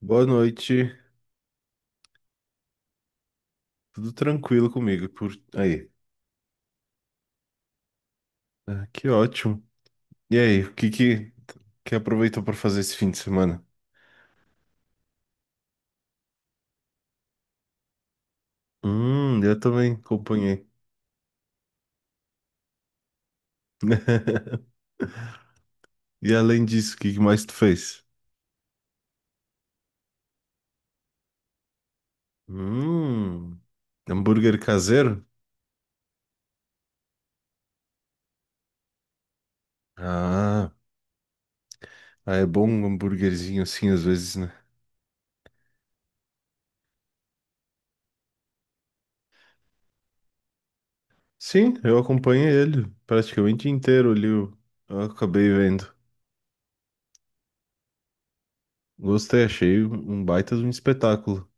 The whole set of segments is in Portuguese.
Boa noite. Tudo tranquilo comigo por aí. Ah, que ótimo. E aí, o que que aproveitou para fazer esse fim de semana? Eu também acompanhei. E além disso, o que que mais tu fez? Hum, hambúrguer caseiro? Ah, ah, é bom um hambúrguerzinho assim às vezes, né? Sim, eu acompanhei ele praticamente inteiro ali. Eu acabei vendo. Gostei, achei um baita de um espetáculo.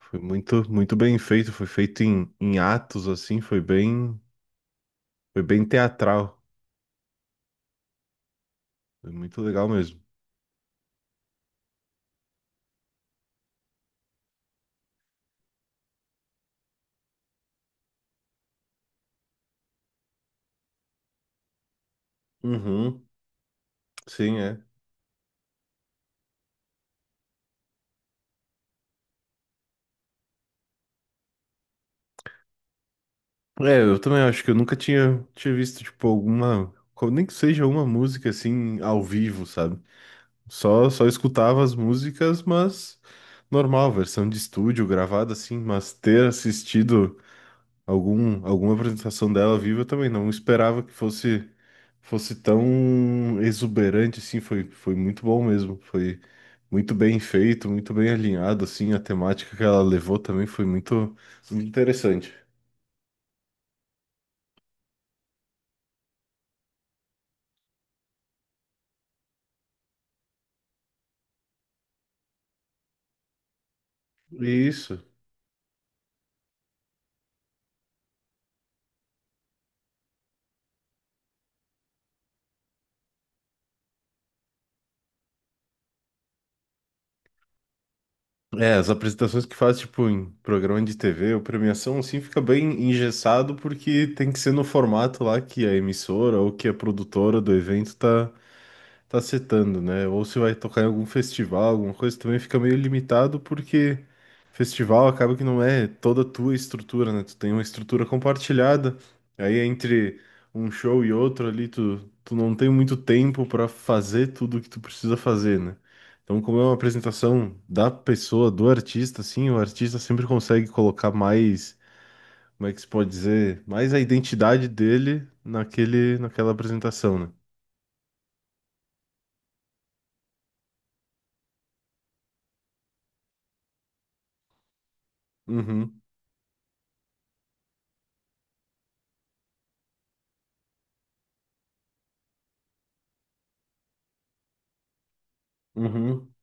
Foi muito, muito bem feito, foi feito em atos, assim, foi bem teatral. Foi muito legal mesmo. Uhum, sim, é. É, eu também acho que eu nunca tinha visto, tipo, alguma, co- nem que seja uma música, assim, ao vivo, sabe? Só, só escutava as músicas, mas normal, versão de estúdio, gravada, assim, mas ter assistido algum, alguma apresentação dela viva eu também. Não esperava que fosse tão exuberante assim. Foi, foi muito bom mesmo. Foi muito bem feito, muito bem alinhado assim. A temática que ela levou também foi muito, muito interessante. Isso. É, as apresentações que faz, tipo, em programa de TV ou premiação, assim, fica bem engessado porque tem que ser no formato lá que a emissora ou que a produtora do evento tá setando, né? Ou se vai tocar em algum festival, alguma coisa, também fica meio limitado porque festival acaba que não é toda a tua estrutura, né? Tu tem uma estrutura compartilhada, aí é entre um show e outro ali, tu não tem muito tempo pra fazer tudo o que tu precisa fazer, né? Então, como é uma apresentação da pessoa, do artista, assim, o artista sempre consegue colocar mais, como é que se pode dizer, mais a identidade dele naquele, naquela apresentação, né? Uhum, uhum.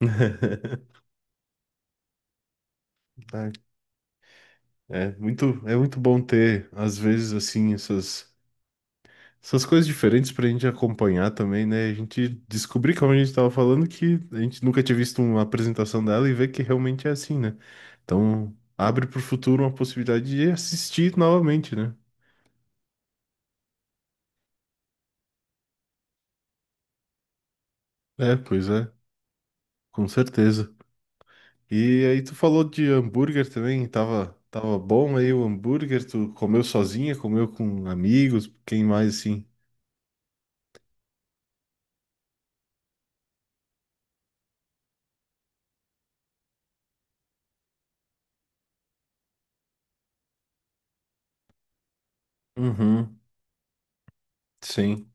Tá. É muito bom ter, às vezes, assim, essas, essas coisas diferentes pra gente acompanhar também, né? A gente descobrir, como a gente tava falando, que a gente nunca tinha visto uma apresentação dela e ver que realmente é assim, né? Então, abre pro futuro uma possibilidade de assistir novamente, né? É, pois é, com certeza. E aí tu falou de hambúrguer também, tava, tava bom aí o hambúrguer, tu comeu sozinha, comeu com amigos, quem mais assim? Uhum, sim.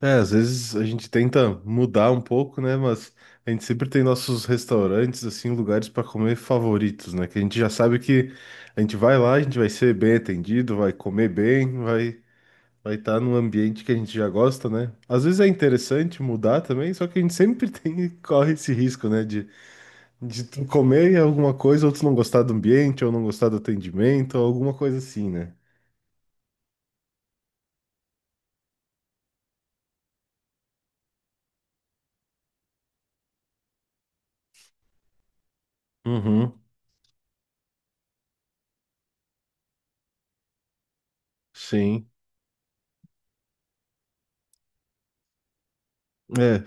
É, às vezes a gente tenta mudar um pouco, né? Mas a gente sempre tem nossos restaurantes, assim, lugares para comer favoritos, né? Que a gente já sabe que a gente vai lá, a gente vai ser bem atendido, vai comer bem, vai estar num ambiente que a gente já gosta, né? Às vezes é interessante mudar também, só que a gente sempre tem corre esse risco, né? De tu comer alguma coisa, ou tu não gostar do ambiente, ou não gostar do atendimento, ou alguma coisa assim, né? Uhum, sim. É,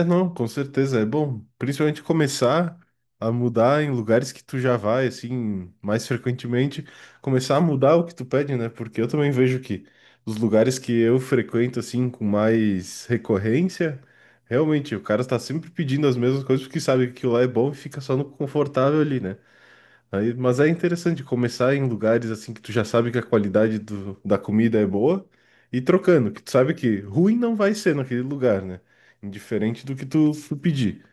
é não, com certeza é bom, principalmente começar a mudar em lugares que tu já vai, assim, mais frequentemente, começar a mudar o que tu pede, né? Porque eu também vejo que os lugares que eu frequento, assim, com mais recorrência, realmente o cara tá sempre pedindo as mesmas coisas porque sabe que aquilo lá é bom e fica só no confortável ali, né? Aí, mas é interessante começar em lugares assim que tu já sabe que a qualidade do- da comida é boa e trocando, que tu sabe que ruim não vai ser naquele lugar, né? Indiferente do que tu pedir.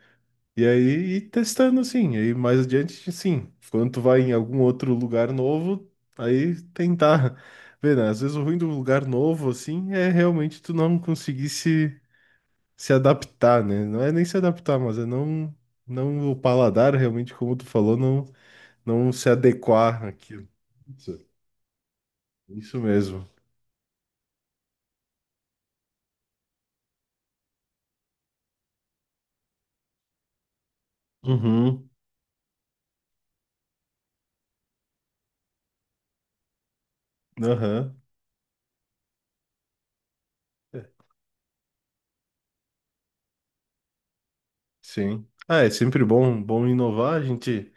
E aí, ir testando assim, aí mais adiante, sim. Quando tu vai em algum outro lugar novo, aí tentar ver, né? Às vezes o ruim do lugar novo, assim, é realmente tu não conseguir se adaptar, né? Não é nem se adaptar, mas é não, não o paladar realmente, como tu falou, não não se adequar àquilo. Isso, isso mesmo. Uhum, aham, é, sim. Ah, é sempre bom, bom inovar, a gente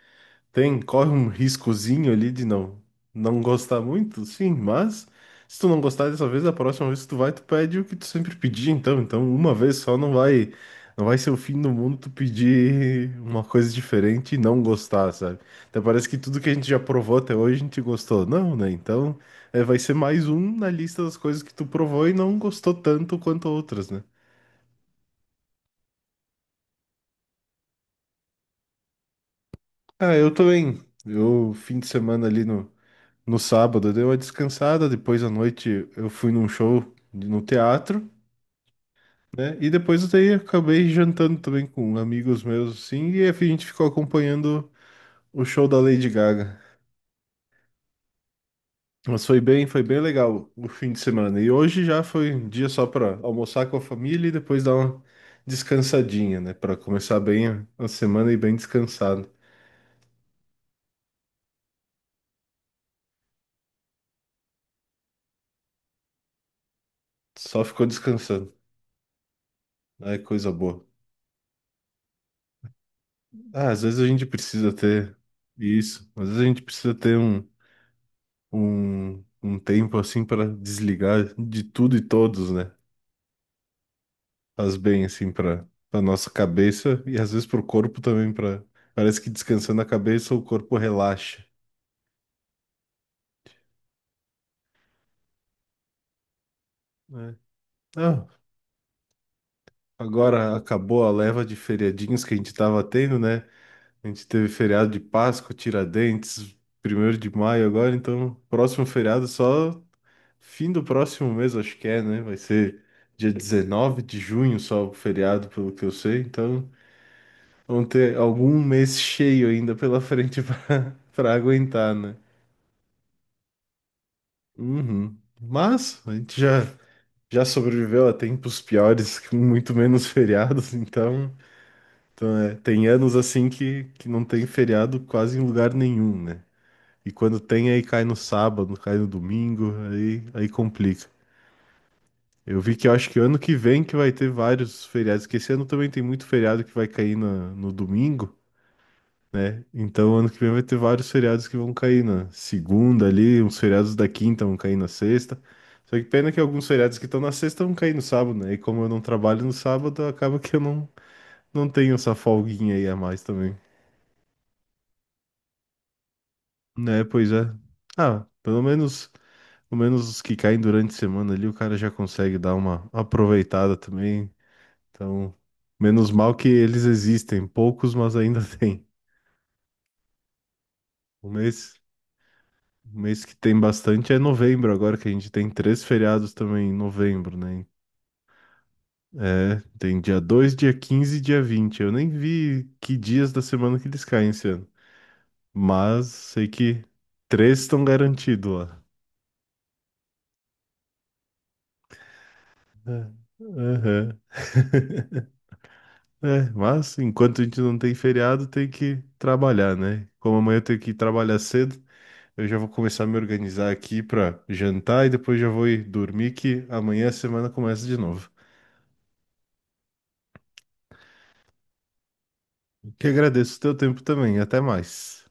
tem, corre um riscozinho ali de não não gostar muito, sim, mas se tu não gostar dessa vez, a próxima vez que tu vai, tu pede o que tu sempre pedia, então, então uma vez só não vai não vai ser o fim do mundo tu pedir uma coisa diferente e não gostar, sabe? Até parece que tudo que a gente já provou até hoje a gente gostou, não, né? Então, é, vai ser mais um na lista das coisas que tu provou e não gostou tanto quanto outras, né? Ah, eu também. Eu fim de semana ali no sábado, deu uma descansada, depois à noite eu fui num show de- no teatro, né? E depois daí eu daí acabei jantando também com amigos meus, assim, e a gente ficou acompanhando o show da Lady Gaga. Mas foi bem legal o fim de semana. E hoje já foi um dia só para almoçar com a família e depois dar uma descansadinha, né? Para começar bem a semana e bem descansado. Só ficou descansando. É coisa boa. Ah, às vezes a gente precisa ter isso. Às vezes a gente precisa ter um tempo assim para desligar de tudo e todos, né? Faz bem assim para a nossa cabeça e às vezes para o corpo também, para parece que descansando a cabeça o corpo relaxa, né? Ah, agora acabou a leva de feriadinhos que a gente estava tendo, né? A gente teve feriado de Páscoa, Tiradentes, primeiro de maio agora, então próximo feriado só fim do próximo mês, acho que é, né? Vai ser dia 19 de junho só o feriado, pelo que eu sei. Então, vão ter algum mês cheio ainda pela frente pra aguentar, né? Uhum. Mas a gente já sobreviveu a tempos piores, com muito menos feriados, então, então é, tem anos assim que não tem feriado quase em lugar nenhum, né? E quando tem, aí cai no sábado, cai no domingo, aí complica. Eu vi que eu acho que ano que vem que vai ter vários feriados, que esse ano também tem muito feriado que vai cair no domingo, né? Então, ano que vem vai ter vários feriados que vão cair na segunda ali, uns feriados da quinta vão cair na sexta. Só que pena que alguns feriados que estão na sexta vão cair no sábado, né? E como eu não trabalho no sábado, acaba que eu não tenho essa folguinha aí a mais também. Né, pois é. Ah, pelo menos os que caem durante a semana ali, o cara já consegue dar uma aproveitada também. Então, menos mal que eles existem, poucos, mas ainda tem. Um mês O mês que tem bastante é novembro, agora que a gente tem três feriados também em novembro, né? É, tem dia dois, dia 15 e dia vinte. Eu nem vi que dias da semana que eles caem esse ano. Mas sei que três estão garantidos lá. É, aham. É, mas enquanto a gente não tem feriado, tem que trabalhar, né? Como amanhã eu tenho que trabalhar cedo, eu já vou começar a me organizar aqui para jantar e depois já vou ir dormir, que amanhã a semana começa de novo. Que agradeço o teu tempo também. Até mais.